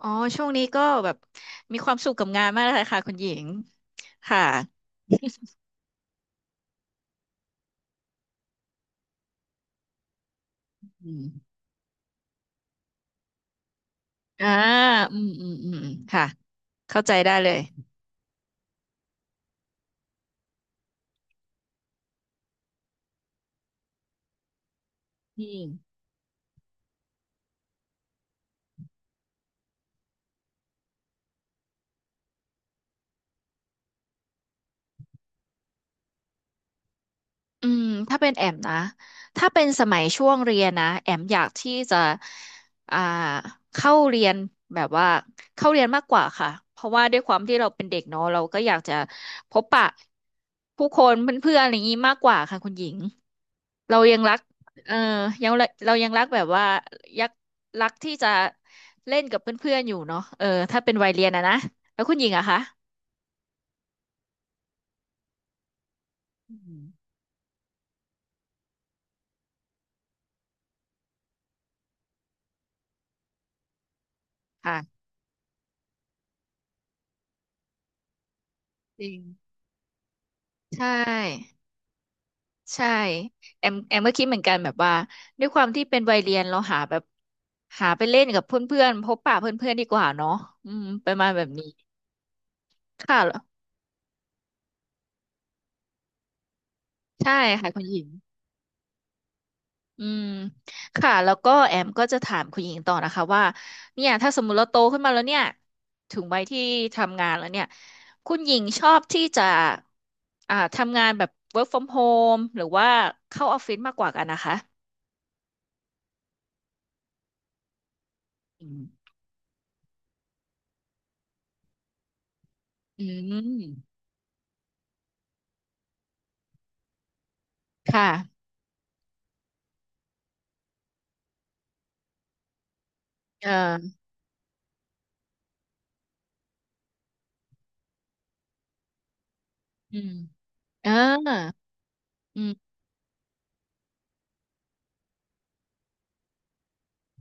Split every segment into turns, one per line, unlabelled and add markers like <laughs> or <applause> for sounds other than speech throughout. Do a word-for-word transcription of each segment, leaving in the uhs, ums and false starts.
อ๋อช่วงนี้ก็แบบมีความสุขกับงานมากเลยค่ะคุณหญิงค่ะอืมอ่าอืมอืมอืมอืมค่ะเข้าใจได้เลยอืมอืมถ้าเป็นแอมนะถ้าเป็นสมัยช่วงเรียนนะแอมอยากที่จะอ่าเข้าเรียนแบบว่าเข้าเรียนมากกว่าค่ะเพราะว่าด้วยความที่เราเป็นเด็กเนาะเราก็อยากจะพบปะผู้คนเพื่อนๆอะไรอย่างนี้มากกว่าค่ะคุณหญิง เรายังรักเออยังเราเรายังรักแบบว่ายักรักที่จะเล่นกับเพื่อนๆอยู่เนาะเออถ้าเป็นวัยเรียนอะนะ แล้วคุณหญิงอะคะอืมค่ะจริง ใช่ ใช่แอมแอมก็คิดเหมือนกันแบบว่าด้วยความที่เป็นวัยเรียนเราหาแบบหาไปเล่นกับเพื่อนๆพบปะเพื่อนๆดีกว่าเนาะอืมประมาณแบบนี้ค่ะใช่ค่ะคุณหญิง อืม ค่ะ แล้วก็แอมก็จะถามคุณหญิงต่อนะคะว่า เนี่ย ถ้าสมมติเราโตขึ้นมาแล้วเนี่ย ถึงวัยที่ทำงานแล้วเนี่ย คุณหญิงชอบที่จะอ่าทำงานแบบ work from home หรือว่าเข้าออฟฟิศมากกว่ากันนะคะ อืมอืมค่ะเอออืมเอออืม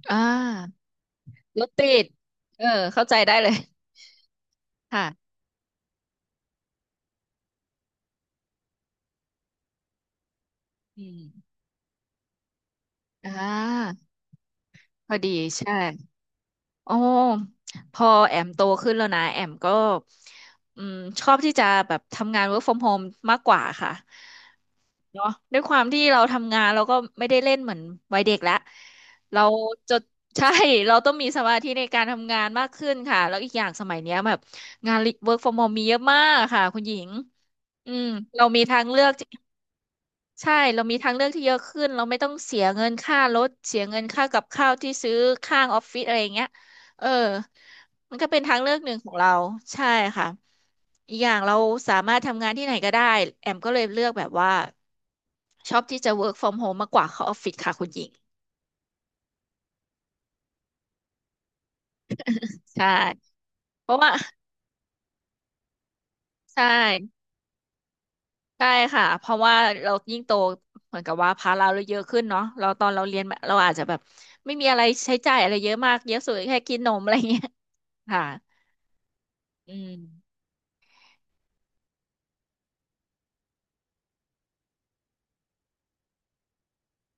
อ่ารถติด เออ เข้าใจได้เลย ค่ะอืมอ่าพอดี ใช่ อ๋อพอแอมโตขึ้นแล้วนะแอมก็อืมชอบที่จะแบบทำงาน work from home มากกว่าค่ะเนาะด้วยความที่เราทำงานเราก็ไม่ได้เล่นเหมือนวัยเด็กแล้วเราจะใช่ <laughs> เราต้องมีสมาธิในการทำงานมากขึ้นค่ะแล้วอีกอย่างสมัยเนี้ยแบบงาน work from home มีเยอะมากค่ะคุณหญิงอืมเรามีทางเลือก ใช่เรามีทางเลือกที่เยอะขึ้นเราไม่ต้องเสียเงินค่ารถเสียเงินค่ากับข้าวที่ซื้อข้างออฟฟิศอะไรอย่างเงี้ยเออมันก็เป็นทางเลือกหนึ่งของเราใช่ค่ะอีกอย่างเราสามารถทำงานที่ไหนก็ได้แอมก็เลยเลือกแบบว่าชอบที่จะ work from home มากกว่าเข้าออฟฟิศค่ะคุณหญิงใช่เพราะว่าใช่ใช่ค่ะเพราะว่าเรายิ่งโตเหมือนกับว่าภาระเราเยอะขึ้นเนาะเราตอนเราเรียนมาเราอาจจะแบบไม่มีอะไรใช้จ่ายอะไรเยอะมากเยอะสุดแค่กินนมอะไรเงี้ยค่ะ อืม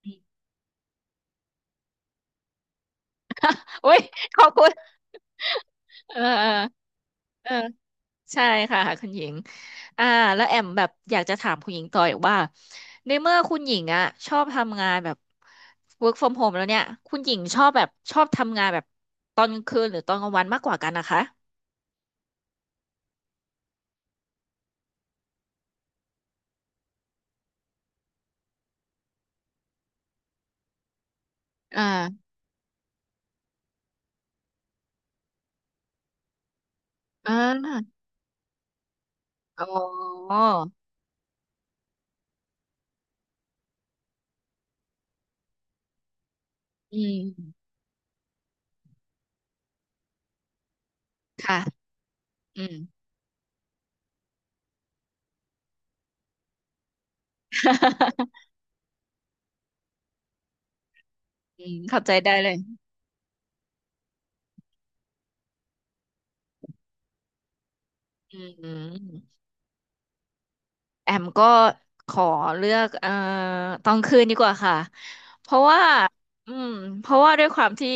อุโอ้ยขอบคุณเออเออเออใช่ค่ะคุณหญิงอ่าแล้วแอมแบบอยากจะถามคุณหญิงต่ออีกว่าในเมื่อคุณหญิงอ่ะชอบทำงานแบบ work from home แล้วเนี่ยคุณหญิงชอบแบบชอบทำงานแบบตอนกลางคืนหรือตอนกลางวันมากกว่ากันนะคะอ่าอ่าอ๋ออืมค่ะอืม <laughs> อืมเข้าใจได้เลยอืม แอมก็ขอเลือกเอ่อตอนคืนดีกว่าค่ะเพราะว่าอืมเพราะว่าด้วยความที่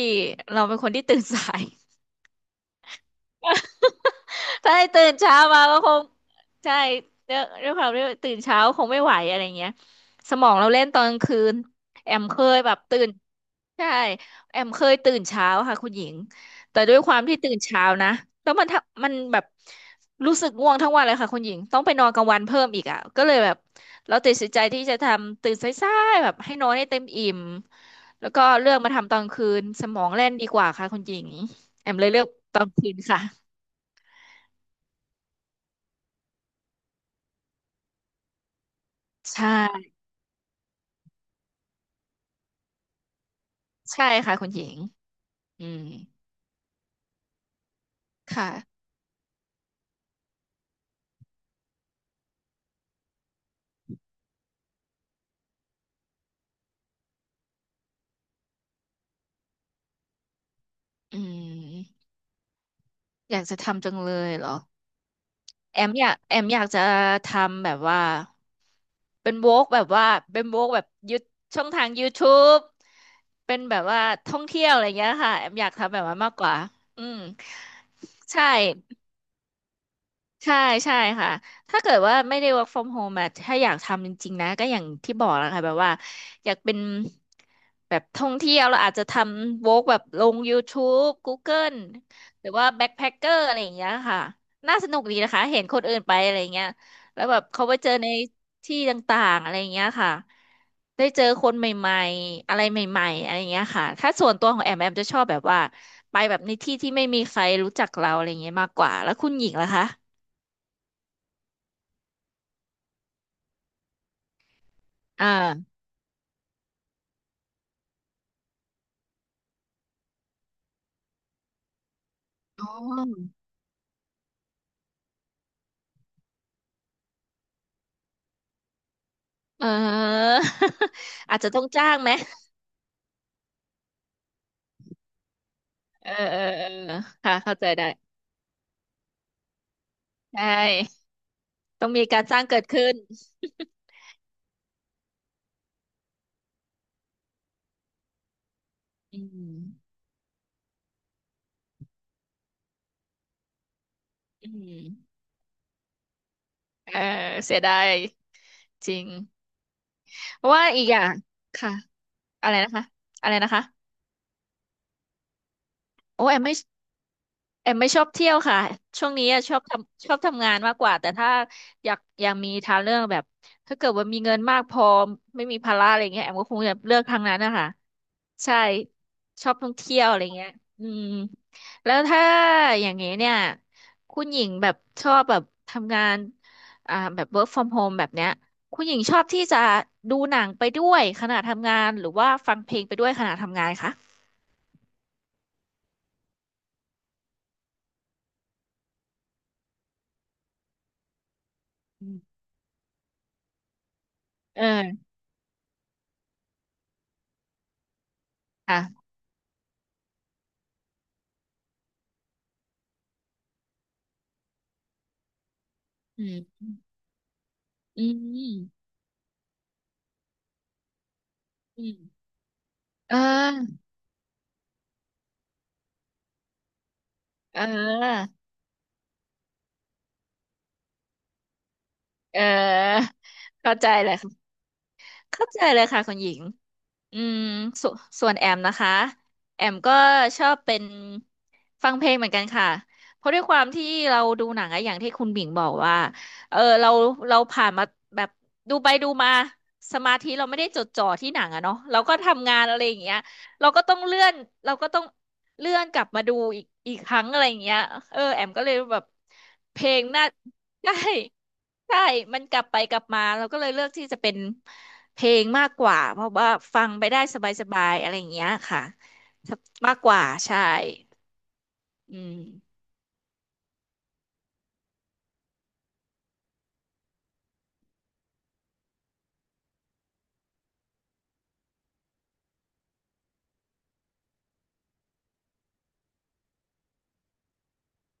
เราเป็นคนที่ตื่นสาย <laughs> ถ้าให้ตื่นเช้ามาก็คงใช่ด้วยด้วยความที่ตื่นเช้าคงไม่ไหวอะไรเงี้ยสมองเราเล่นตอนกลางคืนแอมเคยแบบตื่นใช่แอมเคยตื่นเช้าค่ะคุณหญิงแต่ด้วยความที่ตื่นเช้านะแล้วมันทำมันแบบรู้สึกง่วงทั้งวันเลยค่ะคุณหญิงต้องไปนอนกลางวันเพิ่มอีกอ่ะก็เลยแบบเราตัดสินใจที่จะทำตื่นสายๆแบบให้นอนให้เต็มอิ่มแล้วก็เลือกมาทำตอนคืนสมองแล่นดีกว่าค่ะคุณหญิงแอมเลยเลือกตอนคืนค่ะ ใช่ใช่ค่ะคุณหญิงอืมค่ะอืมอยากจะทำจังเลยเหรอแอมอยากแอมอยากจะทำแบบว่าเป็นโวกแบบว่าเป็นโวกแบบยูช่องทาง YouTube เป็นแบบว่าท่องเที่ยวอะไรเงี้ยค่ะแอมอยากทำแบบนั้นมากกว่าอืมใช่ ใช่ใช่ค่ะถ้าเกิดว่าไม่ได้ work from home อะถ้าอยากทำจริงๆนะ ก็อย่างที่บอกแล้วค่ะแบบว่าอยากเป็นแบบท่องเที่ยวเราอาจจะทำ work แบบลง YouTube Google หรือว่า backpacker อะไรอย่างเงี้ยค่ะ น่าสนุกดีนะคะเห็นคนอื่นไปอะไรเงี้ยแล้วแบบเขาไปเจอในที่ต่างๆอะไรเงี้ยค่ะ ได้เจอคนใหม่ๆอะไรใหม่ๆอะไรเงี้ยค่ะ ถ้าส่วนตัวของแอมแอมจะชอบแบบว่าไปแบบในที่ที่ไม่มีใครรู้จักเราอะไรเงี้ยมากกว่าแล้วคุณหญิงล่ะคะ อ่าอ๋อเออ <laughs> อาจจะต้องจ้างไหมเออเออเออค่ะเข้าใจได้ใช่ต้องมีการจ้างเกิดขึ้นอืมอืมเออเสียดายจริงเพราะว่าอีกอย่างค่ะอะไรนะคะอะไรนะคะโอ้แอมไม่ แอมไม่ชอบเที่ยวค่ะช่วงนี้อะชอบทำชอบทำงานมากกว่าแต่ถ้าอยากอยากมีทางเลือกแบบถ้าเกิดว่ามีเงินมากพอไม่มีภาระอะไรเงี้ยแอมก็คงจะเลือกทางนั้นนะคะใช่ชอบท่องเที่ยวอะไรเงี้ยอืมแล้วถ้าอย่างนี้เนี่ยคุณหญิงแบบชอบแบบทำงานอ่าแบบ เวิร์คฟรอมโฮม แบบเนี้ยคุณหญิงชอบที่จะดูหนังไปด้วยขณะทำงานหรือว่าฟังเพลงไปด้วยขณะทำงานคะอืมเออค่ะอืมอืม อืมเออเออเออเข้าใจเลยค่ะเข้าใจเลยค่ะคุณหญิง อืมสส่วนแอมนะคะแอมก็ชอบเป็นฟังเพลงเหมือนกันค่ะเพราะด้วยความที่เราดูหนังอะอย่างที่คุณบิ่งบอกว่าเออเราเราผ่านมาแบบดูไปดูมาสมาธิเราไม่ได้จดจ่อที่หนังอะเนาะเราก็ทำงานอะไรอย่างเงี้ยเราก็ต้องเลื่อนเราก็ต้องเลื่อนกลับมาดูอีกอีกครั้งอะไรอย่างเงี้ยเออแอมก็เลยแบบเพลงน่า <laughs> ใช่ใช่มันกลับไปกลับมาเราก็เลยเลือกที่จะเป็น เพลงมากกว่าเพราะว่าฟังไปได้สบายๆอะไรอย่างเงี้ยค่ะมากกว่าใช่อืม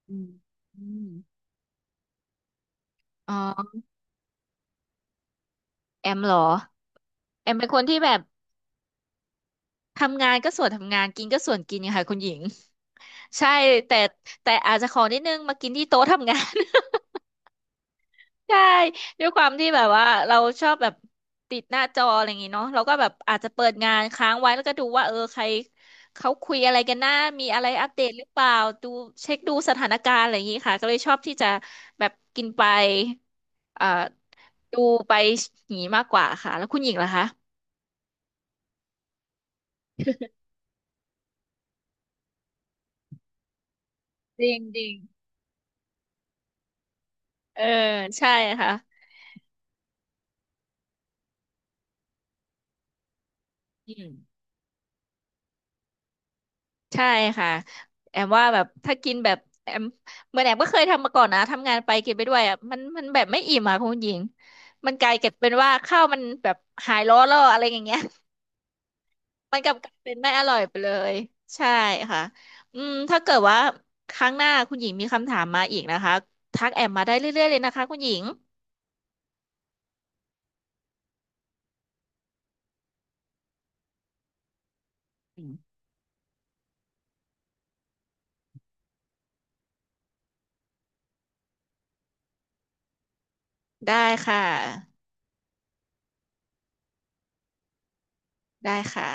อืมอืมอ๋อแอมเหรอแอมเป็นคนที่แบบทำงานก็ส่วนทำงานกินก็ส่วนกินค่ะคุณหญิงใช่แต่แต่อาจจะขอนิดนึงมากินที่โต๊ะทำงาน ใช่ด้วยความที่แบบว่าเราชอบแบบติดหน้าจออะไรอย่างงี้เนาะเราก็แบบอาจจะเปิดงานค้างไว้แล้วก็ดูว่าเออใครเขาคุยอะไรกันหน้ามีอะไรอัปเดตหรือเปล่าดูเช็คดูสถานการณ์อะไรอย่างงี้ค่ะก็เลยชอบที่จะแบบกินไปเอ่อดูไปหนีมากกว่าค่ะแล้วคุณหญิงล่ะคะจริงจริงเออใช่ค่ะอืม ใช่ค่ะแอมว่าแบบถ้ากินแบบแอมเหมือนแอมก็เคยทำมาก่อนนะทำงานไปกินไปด้วยอ่ะมันมันแบบไม่อิ่มอ่ะคุณหญิงมันกลายเก็บเป็นว่าข้าวมันแบบหายร้อนแล้วอะไรอย่างเงี้ย <laughs> มันกลับกลายเป็นไม่อร่อยไปเลยใช่ค่ะอืมถ้าเกิดว่าครั้งหน้าคุณหญิงมีคำถามมาอีกนะคะทักแอมมาได้เรื่อยๆเลยนะคะคุณหญิงอืมได้ค่ะได้ค่ะ